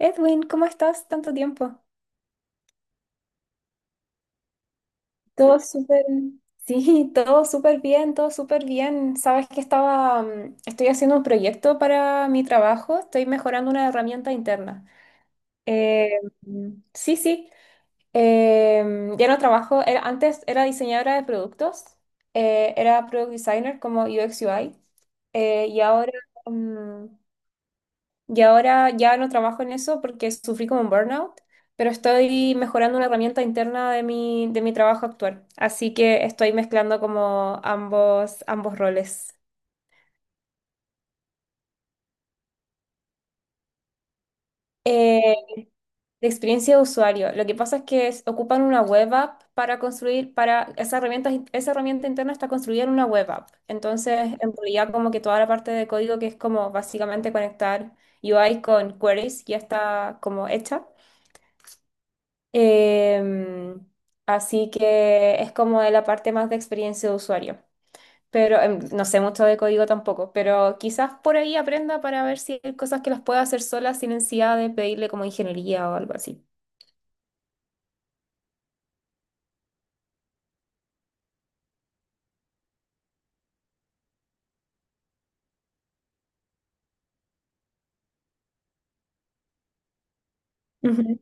Edwin, ¿cómo estás? Tanto tiempo. Todo súper. Sí, todo súper bien, todo súper bien. Sabes que estoy haciendo un proyecto para mi trabajo, estoy mejorando una herramienta interna. Sí, ya no trabajo, antes era diseñadora de productos, era product designer como UX UI, y ahora mm, y ahora ya no trabajo en eso porque sufrí como un burnout, pero estoy mejorando una herramienta interna de mi trabajo actual. Así que estoy mezclando como ambos roles. Eh, de experiencia de usuario. Lo que pasa es que ocupan una web app para construir, para esa herramienta interna está construida en una web app. Entonces, en realidad como que toda la parte de código que es como básicamente conectar UI con queries ya está como hecha. Em, así que es como de la parte más de experiencia de usuario. Pero no sé mucho de código tampoco, pero quizás por ahí aprenda para ver si hay cosas que las pueda hacer sola sin necesidad de pedirle como ingeniería o algo así. Ujú.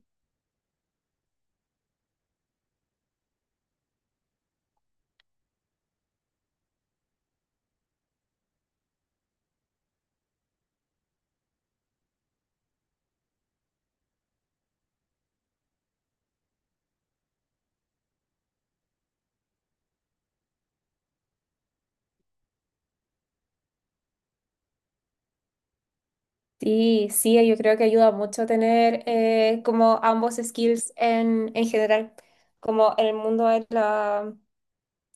Sí, sí, yo creo que ayuda mucho tener como ambos skills en general, como en el mundo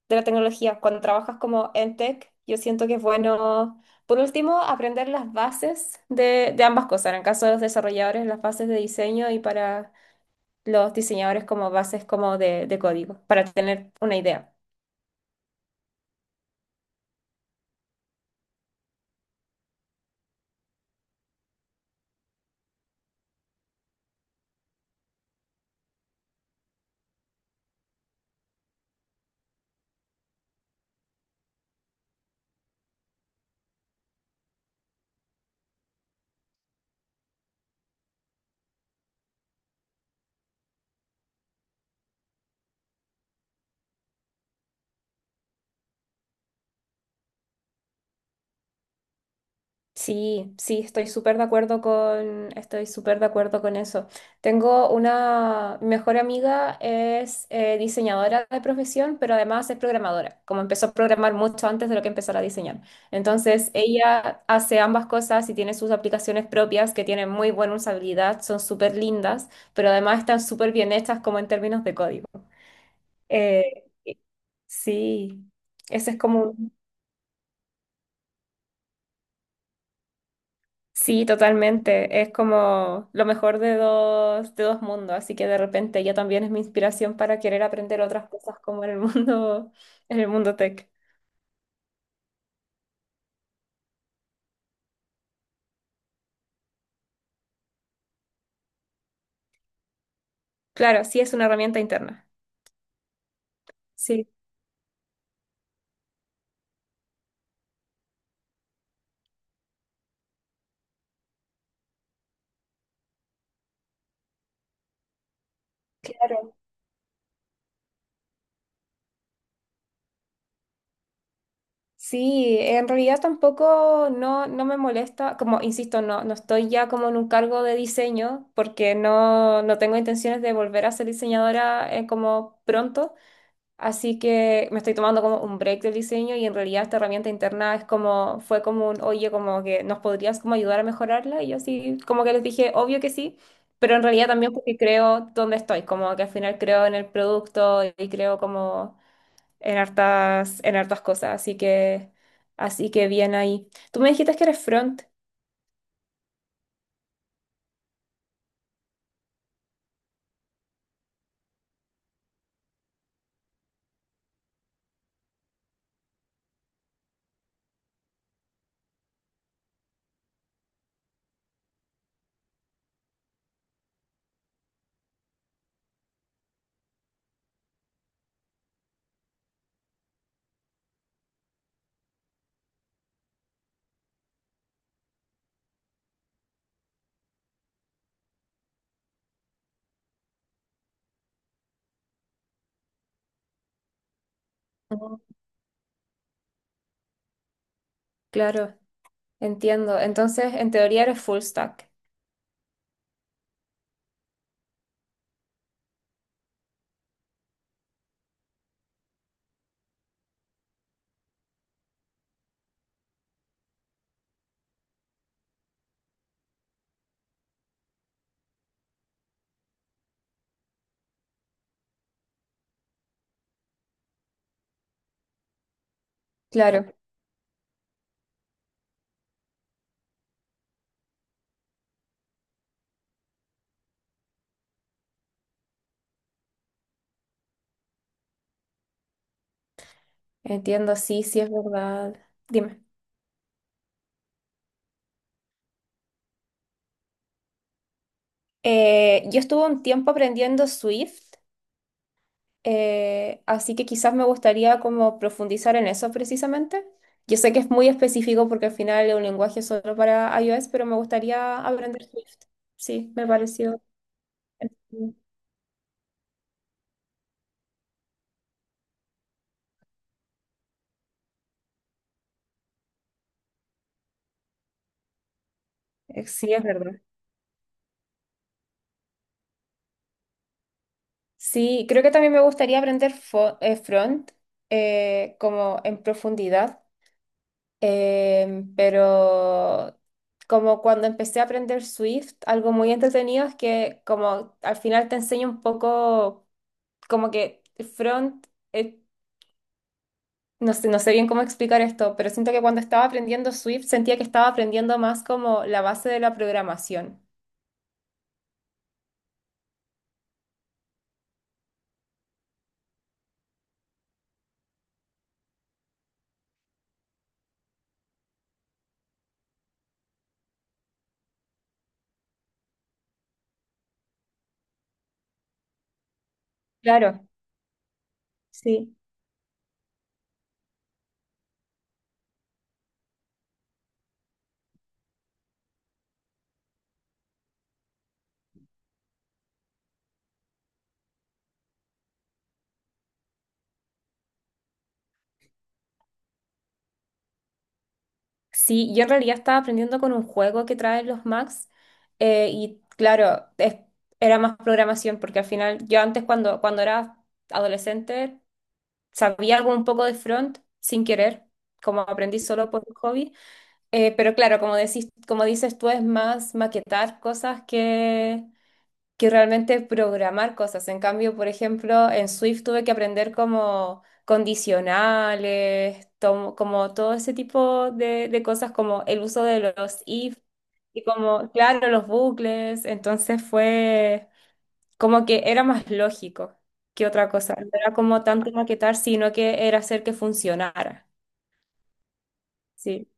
de la tecnología. Cuando trabajas como en tech, yo siento que es bueno, por último, aprender las bases de ambas cosas. En el caso de los desarrolladores, las bases de diseño y para los diseñadores como bases como de código, para tener una idea. Sí, sí, estoy súper de acuerdo con eso. Tengo una mi mejor amiga, es diseñadora de profesión, pero además es programadora, como empezó a programar mucho antes de lo que empezara a diseñar. Entonces, ella hace ambas cosas y tiene sus aplicaciones propias que tienen muy buena usabilidad, son súper lindas, pero además están súper bien hechas como en términos de código. Eh, sí, ese es como… Sí, totalmente. Es como lo mejor de de dos mundos, así que de repente ella también es mi inspiración para querer aprender otras cosas como en el mundo, en el mundo tech. Claro, sí es una herramienta interna. Sí, claro. Sí, en realidad tampoco no, no me molesta, como insisto, no, no estoy ya como en un cargo de diseño porque no, no tengo intenciones de volver a ser diseñadora como pronto. Así que me estoy tomando como un break del diseño y en realidad esta herramienta interna es como, fue como un, oye, como que nos podrías como ayudar a mejorarla. Y yo así como que les dije, obvio que sí, pero en realidad también porque creo dónde estoy, como que al final creo en el producto y creo como en hartas cosas. Así que bien ahí. Tú me dijiste que eres front. Ujú. Claro, entiendo. Entonces, en teoría eres full stack. Claro, entiendo, sí, sí es verdad. Dime. Yo estuve un tiempo aprendiendo Swift, así que quizás me gustaría como profundizar en eso precisamente. Yo sé que es muy específico porque al final es un lenguaje solo para iOS, pero me gustaría aprender Swift. Sí, me pareció. Sí, es verdad. Sí, creo que también me gustaría aprender front como en profundidad. Pero como cuando empecé a aprender Swift, algo muy entretenido es que como al final te enseña un poco como que front, eh, no sé, no sé bien cómo explicar esto, pero siento que cuando estaba aprendiendo Swift sentía que estaba aprendiendo más como la base de la programación. Claro, sí. Sí, yo en realidad estaba aprendiendo con un juego que traen los Macs y claro, era más programación porque al final yo antes cuando era adolescente. Sabía algo un poco de front sin querer, como aprendí solo por hobby. Pero claro, como decís, como dices tú, es más maquetar cosas que realmente programar cosas. En cambio, por ejemplo, en Swift tuve que aprender como condicionales, como todo ese tipo de cosas, como el uso de los if y como, claro, los bucles. Entonces fue. Como que era más lógico que otra cosa. No era como tanto maquetar, sino que era hacer que funcionara. Sí,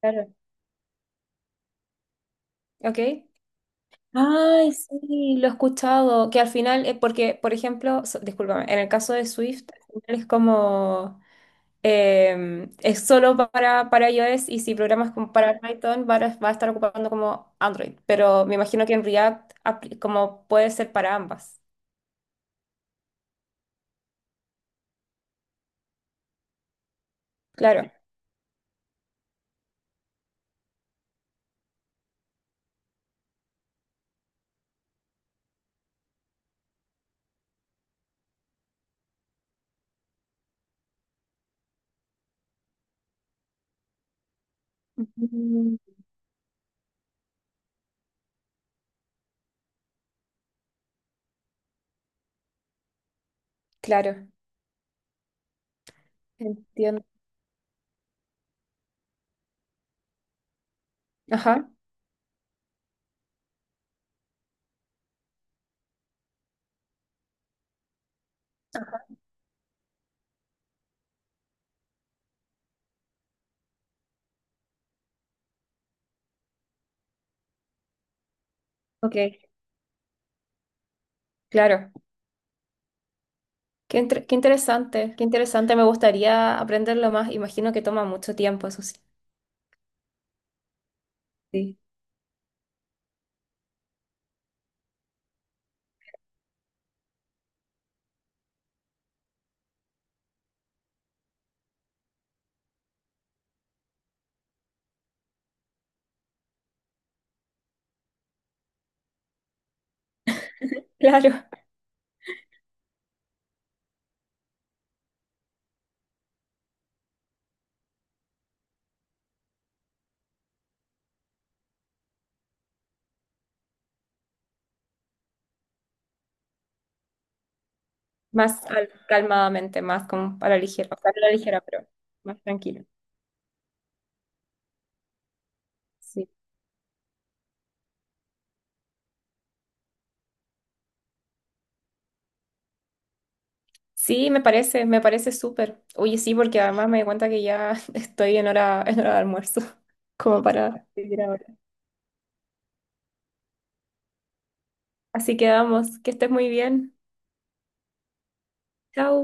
claro. ¿Ok? Ay, sí, lo he escuchado. Que al final, porque, por ejemplo, discúlpame, en el caso de Swift, al final es como, es solo para iOS y si programas como para Python, va a estar ocupando como Android. Pero me imagino que en React, como puede ser para ambas. Claro. Mm, claro, entiendo. Ajá, ok. Claro, qué interesante, me gustaría aprenderlo más, imagino que toma mucho tiempo, eso sí. Sí. Claro, calmadamente, más como para la ligera, o sea, no la ligera, pero más tranquilo. Sí. Sí, me parece súper. Oye, sí, porque además me di cuenta que ya estoy en hora de almuerzo, como para seguir ahora. Así que vamos, que estés muy bien. Chao.